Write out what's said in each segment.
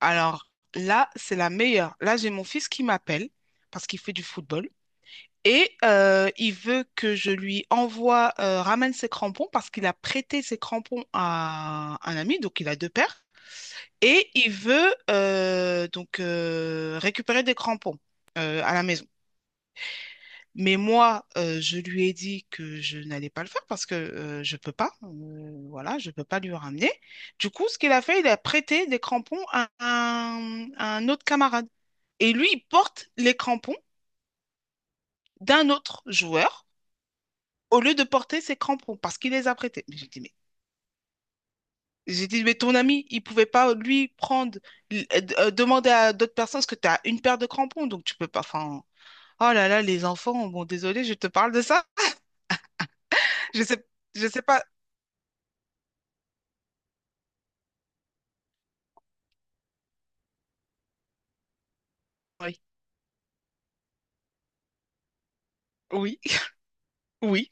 Alors là, c'est la meilleure. Là, j'ai mon fils qui m'appelle parce qu'il fait du football et il veut que je lui ramène ses crampons parce qu'il a prêté ses crampons à un ami, donc il a deux paires. Et il veut donc récupérer des crampons à la maison. Mais moi, je lui ai dit que je n'allais pas le faire parce que je peux pas. Voilà, je peux pas lui ramener. Du coup, ce qu'il a fait, il a prêté des crampons à un autre camarade. Et lui, il porte les crampons d'un autre joueur au lieu de porter ses crampons parce qu'il les a prêtés. Mais j'ai dit, mais ton ami, il pouvait pas lui prendre, demander à d'autres personnes parce que tu as une paire de crampons, donc tu peux pas. Enfin, oh là là, les enfants, bon, désolé, je te parle de ça. Je sais, je sais pas. Oui. Oui. Oui,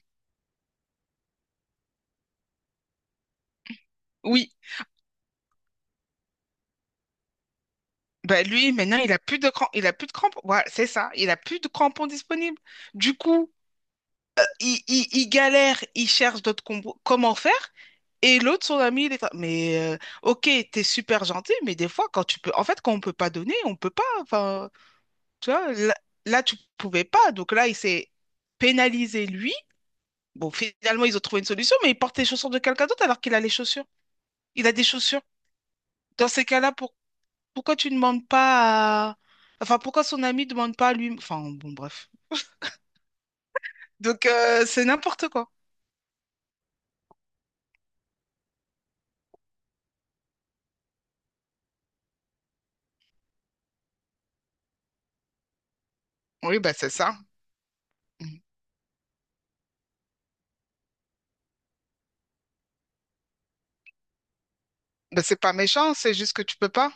oui. Bah lui, maintenant, il a plus de crampons. Il a plus de crampons. Voilà, c'est ça. Il a plus de crampons disponibles. Du coup, il galère, il cherche d'autres combos. Comment faire? Et l'autre, son ami, mais, ok, t'es super gentil, mais des fois, en fait, quand on peut pas donner, on peut pas. Enfin, tu vois, là, tu pouvais pas. Donc là, il s'est pénalisé, lui. Bon, finalement, ils ont trouvé une solution, mais il porte les chaussures de quelqu'un d'autre alors qu'il a les chaussures. Il a des chaussures. Dans ces cas-là, pourquoi tu ne demandes pas à... Enfin, pourquoi son ami ne demande pas à lui... Enfin, bon, bref. Donc, c'est n'importe quoi. Oui, bah c'est ça. Mm. Bah, c'est pas méchant, c'est juste que tu peux pas.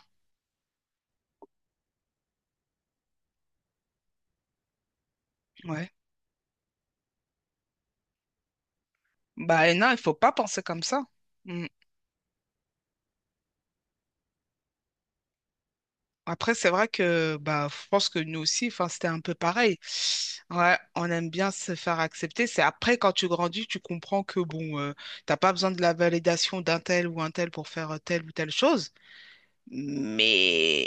Ouais. Bah, et non, il faut pas penser comme ça. Mm. Après, c'est vrai que bah, je pense que nous aussi, enfin, c'était un peu pareil. Ouais, on aime bien se faire accepter. C'est après, quand tu grandis, tu comprends que bon, t'as pas besoin de la validation d'un tel ou un tel pour faire telle ou telle chose. Mais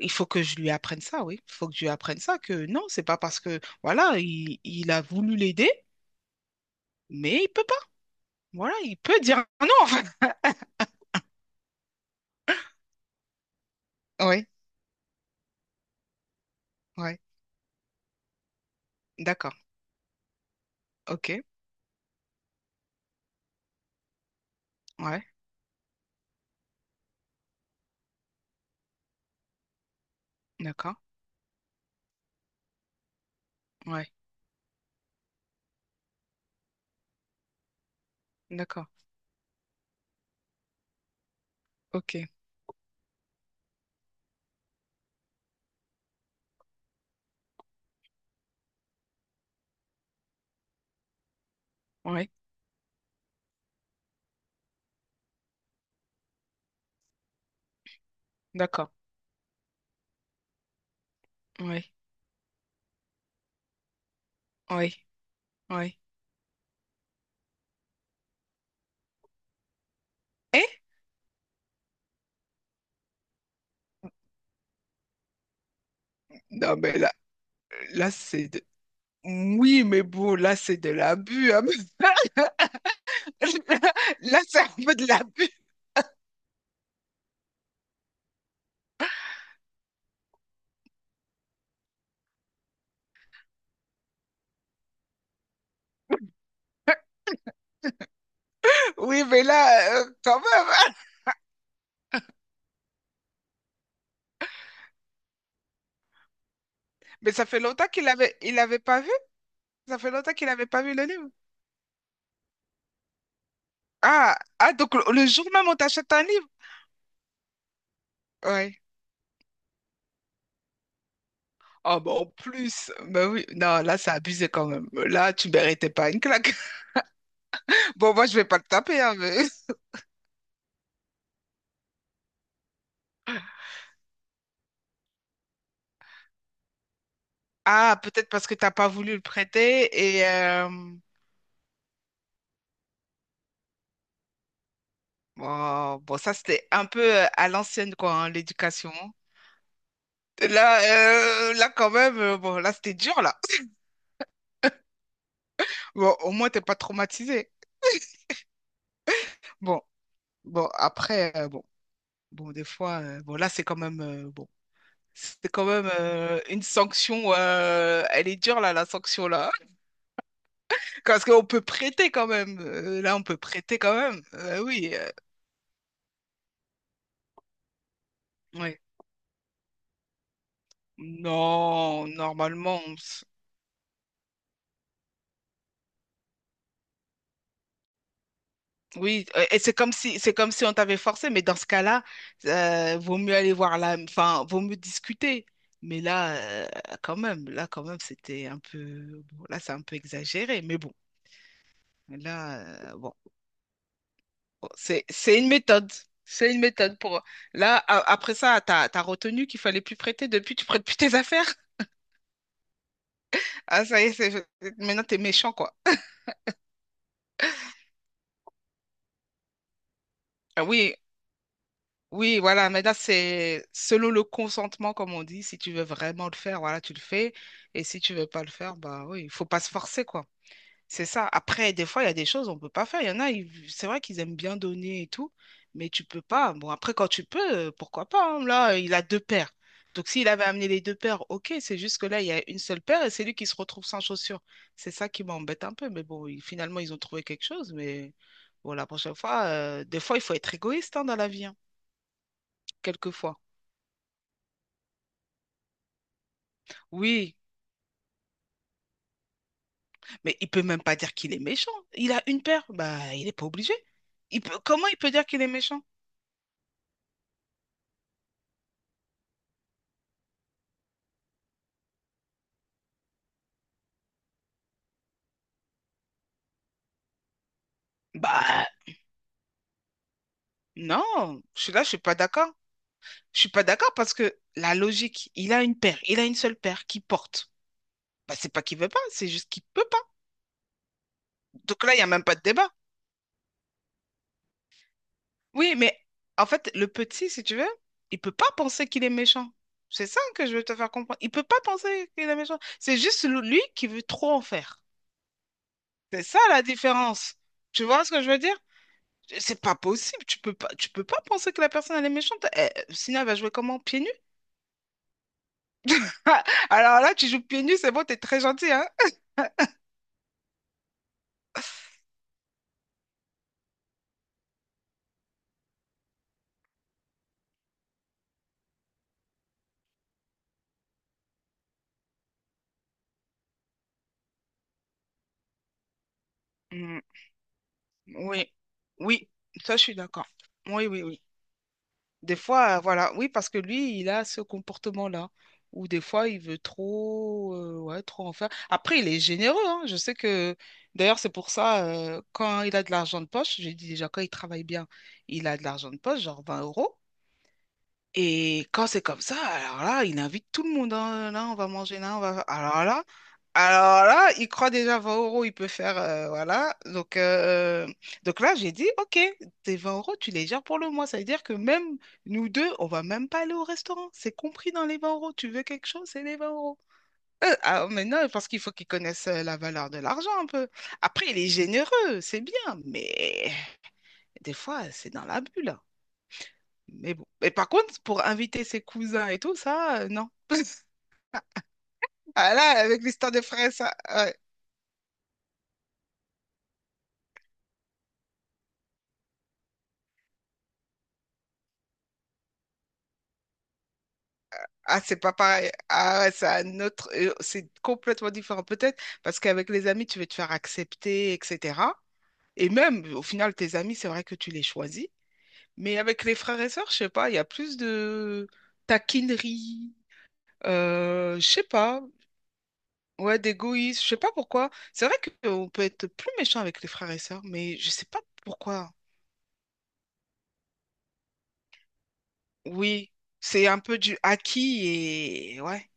il faut que je lui apprenne ça, oui. Il faut que je lui apprenne ça, que non, c'est pas parce que, voilà, il a voulu l'aider, mais il peut pas. Voilà, il peut dire non, en fait. Oui, oui, d'accord. Ok, ouais, d'accord, ouais, d'accord, ok, ouais, d'accord, ouais, ouais, ouais. Eh? Non, mais là, c'est de... Oui, mais bon, là, c'est de l'abus, hein. Là, c'est un peu de l'abus. Oui, mais là, quand même. Mais ça fait longtemps qu'il avait pas vu. Ça fait longtemps qu'il avait pas vu le livre. Ah, ah, donc le jour même, on t'achète un livre. Ouais. Ah, bah en plus, bah oui, non, là, c'est abusé quand même. Là, tu méritais pas une claque. Bon, moi, je vais pas le taper, hein. Ah, peut-être parce que t'as pas voulu le prêter. Bon, bon, ça, c'était un peu à l'ancienne, quoi, hein, l'éducation. Là, là, quand même, bon, là, c'était dur, là. Bon, au moins, t'es pas traumatisé. Bon, bon, après, bon. Bon, des fois, bon, là, c'est quand même, bon, c'est quand même une sanction. Elle est dure, là, la sanction, là. Parce qu'on peut prêter quand même. Là, on peut prêter quand même. Oui, ouais. Non, normalement. Oui, et c'est comme si on t'avait forcé, mais dans ce cas-là, vaut mieux aller voir là, enfin, vaut mieux discuter. Mais là, quand même, là, quand même, c'était un peu, bon, là, c'est un peu exagéré, mais bon, là, bon. C'est une méthode. C'est une méthode pour. Là, après ça, t'as retenu qu'il fallait plus prêter. Depuis, tu prêtes plus tes affaires. Ah, ça y est, maintenant, t'es méchant, quoi. Ah oui, oui, voilà. Maintenant, c'est selon le consentement, comme on dit. Si tu veux vraiment le faire, voilà, tu le fais. Et si tu veux pas le faire, bah oui, il faut pas se forcer, quoi. C'est ça. Après, des fois, il y a des choses on peut pas faire. Il y en a, c'est vrai qu'ils aiment bien donner et tout, mais tu peux pas. Bon, après, quand tu peux, pourquoi pas, hein. Là, il a deux paires. Donc, s'il avait amené les deux paires, ok, c'est juste que là, il y a une seule paire et c'est lui qui se retrouve sans chaussures. C'est ça qui m'embête un peu. Mais bon, finalement, ils ont trouvé quelque chose. Mais bon, la prochaine fois, des fois, il faut être égoïste hein, dans la vie, hein, quelquefois. Oui, mais il peut même pas dire qu'il est méchant. Il a une paire, bah, il n'est pas obligé. Il peut... Comment il peut dire qu'il est méchant? Bah, non, je suis là, je suis pas d'accord. Je suis pas d'accord parce que la logique, il a une paire, il a une seule paire qui porte. Bah, c'est pas qu'il veut pas, c'est juste qu'il peut pas. Donc là, il y a même pas de débat. Oui, mais en fait, le petit, si tu veux, il peut pas penser qu'il est méchant. C'est ça que je veux te faire comprendre. Il peut pas penser qu'il est méchant. C'est juste lui qui veut trop en faire. C'est ça la différence. Tu vois ce que je veux dire? C'est pas possible. Tu peux pas penser que la personne elle est méchante. Eh, sinon, elle va jouer comment? Pieds nus? Alors là, tu joues pieds nus, c'est bon, t'es très gentil, hein? Mm, oui, oui, ça je suis d'accord. Oui, oui, oui. Des fois, voilà, oui, parce que lui, il a ce comportement-là, où des fois, il veut trop, ouais, trop en faire. Après, il est généreux, hein. Je sais que, d'ailleurs, c'est pour ça, quand il a de l'argent de poche, j'ai dit déjà, quand il travaille bien, il a de l'argent de poche, genre 20 euros. Et quand c'est comme ça, alors là, il invite tout le monde. Hein. Là, on va manger, là, on va... alors là, il croit déjà 20 euros, il peut faire... voilà. Donc, là, j'ai dit, OK, tes 20 euros, tu les gères pour le mois. Ça veut dire que même nous deux, on va même pas aller au restaurant. C'est compris dans les 20 euros. Tu veux quelque chose, c'est les 20 euros. Ah, mais non, parce qu'il faut qu'ils connaissent la valeur de l'argent un peu. Après, il est généreux, c'est bien, mais des fois, c'est dans la bulle. Mais bon. Et par contre, pour inviter ses cousins et tout, ça, non. Ah là, avec l'histoire des frères, ça. Ouais. Ah, c'est pas pareil. Ah ouais, c'est un autre. C'est complètement différent. Peut-être parce qu'avec les amis, tu veux te faire accepter, etc. Et même, au final, tes amis, c'est vrai que tu les choisis. Mais avec les frères et sœurs, je sais pas, il y a plus de taquinerie. Je sais pas. Ouais, d'égoïsme. Je sais pas pourquoi. C'est vrai qu'on peut être plus méchant avec les frères et sœurs, mais je sais pas pourquoi. Oui, c'est un peu du acquis et ouais,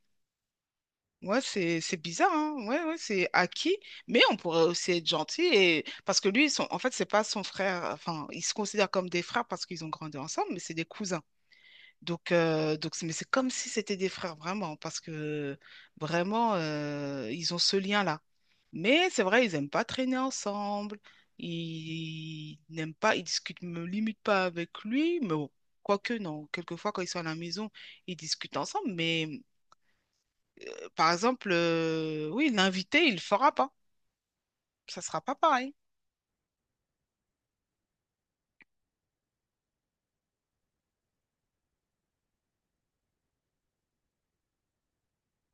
ouais, c'est bizarre, hein. Ouais, ouais, c'est acquis, mais on pourrait aussi être gentil et parce que lui, ils sont en fait, c'est pas son frère. Enfin, ils se considèrent comme des frères parce qu'ils ont grandi ensemble, mais c'est des cousins. Donc, mais c'est comme si c'était des frères, vraiment, parce que vraiment, ils ont ce lien-là. Mais c'est vrai, ils n'aiment pas traîner ensemble, ils discutent limite pas avec lui, mais bon, quoique non, quelquefois quand ils sont à la maison, ils discutent ensemble, mais par exemple, oui, l'invité, il ne le fera pas, ça sera pas pareil.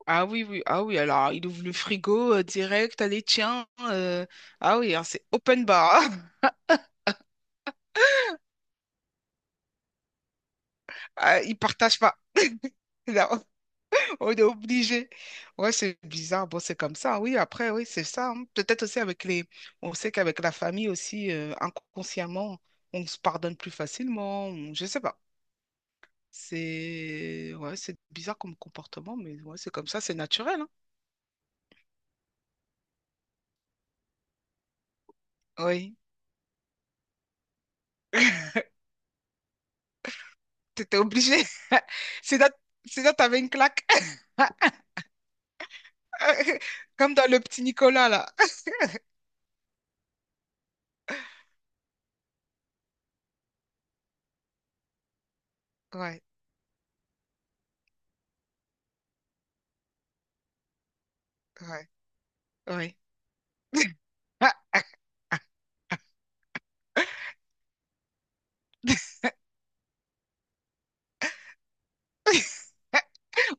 Ah oui, oui, ah oui, alors il ouvre le frigo direct, allez, tiens, ah oui, hein, c'est open bar. Ah, ils partagent pas. Là, on est obligé. Ouais, c'est bizarre. Bon, c'est comme ça. Oui, après, oui, c'est ça. Hein. Peut-être aussi avec les. On sait qu'avec la famille aussi, inconsciemment, on se pardonne plus facilement. Je sais pas. C'est ouais, c'est bizarre comme comportement, mais ouais, c'est comme ça, c'est naturel. Hein. Oui. T'étais obligé. C'est là, c'est là, t'avais une claque. Comme dans le Petit Nicolas, là. Ouais, ouais, ouais.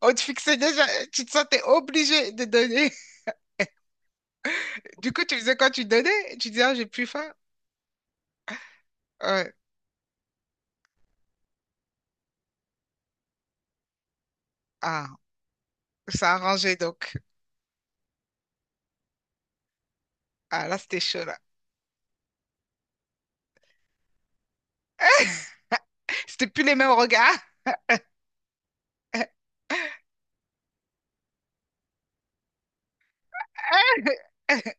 On te fixait déjà, tu te sentais obligé de donner. Du coup, tu faisais quoi? Tu donnais? Tu disais, ah, j'ai plus faim. Ouais. Ah, ça a arrangé donc. Ah, là, c'était chaud, là. C'était plus les mêmes regards.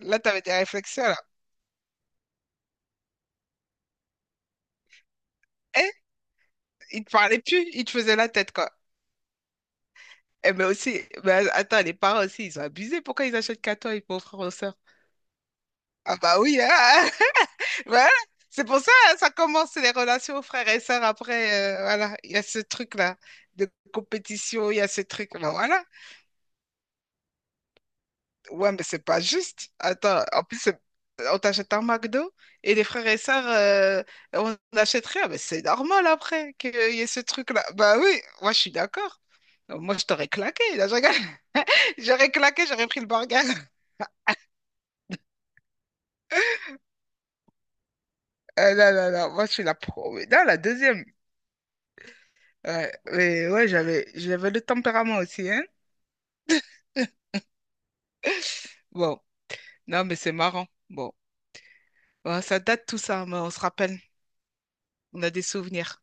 Là, t'avais des réflexions, là. Eh, ils te parlait plus, il te faisait la tête, quoi. Eh, mais aussi, mais attends, les parents aussi, ils ont abusé. Pourquoi ils achètent qu'à toi, ils pauvres frères aux sœurs? Ah, bah oui, hein. Voilà. C'est pour ça, hein, ça commence c'est les relations frères et sœurs après. Voilà, il y a ce truc-là de compétition, il y a ce truc-là. Voilà. Ouais, mais c'est pas juste. Attends, en plus, on t'achète un McDo et les frères et sœurs, on n'achète rien. Mais c'est normal après qu'il y ait ce truc-là. Bah oui, moi je suis d'accord. Moi je t'aurais claqué. Là, je rigole. J'aurais claqué, j'aurais pris le burger. Non, non, non, moi je suis la pro. Non, la deuxième. Ouais, mais ouais, j'avais le tempérament aussi, hein. Bon. Non, mais c'est marrant. Bon, ouais, ça date tout ça, hein, mais on se rappelle. On a des souvenirs.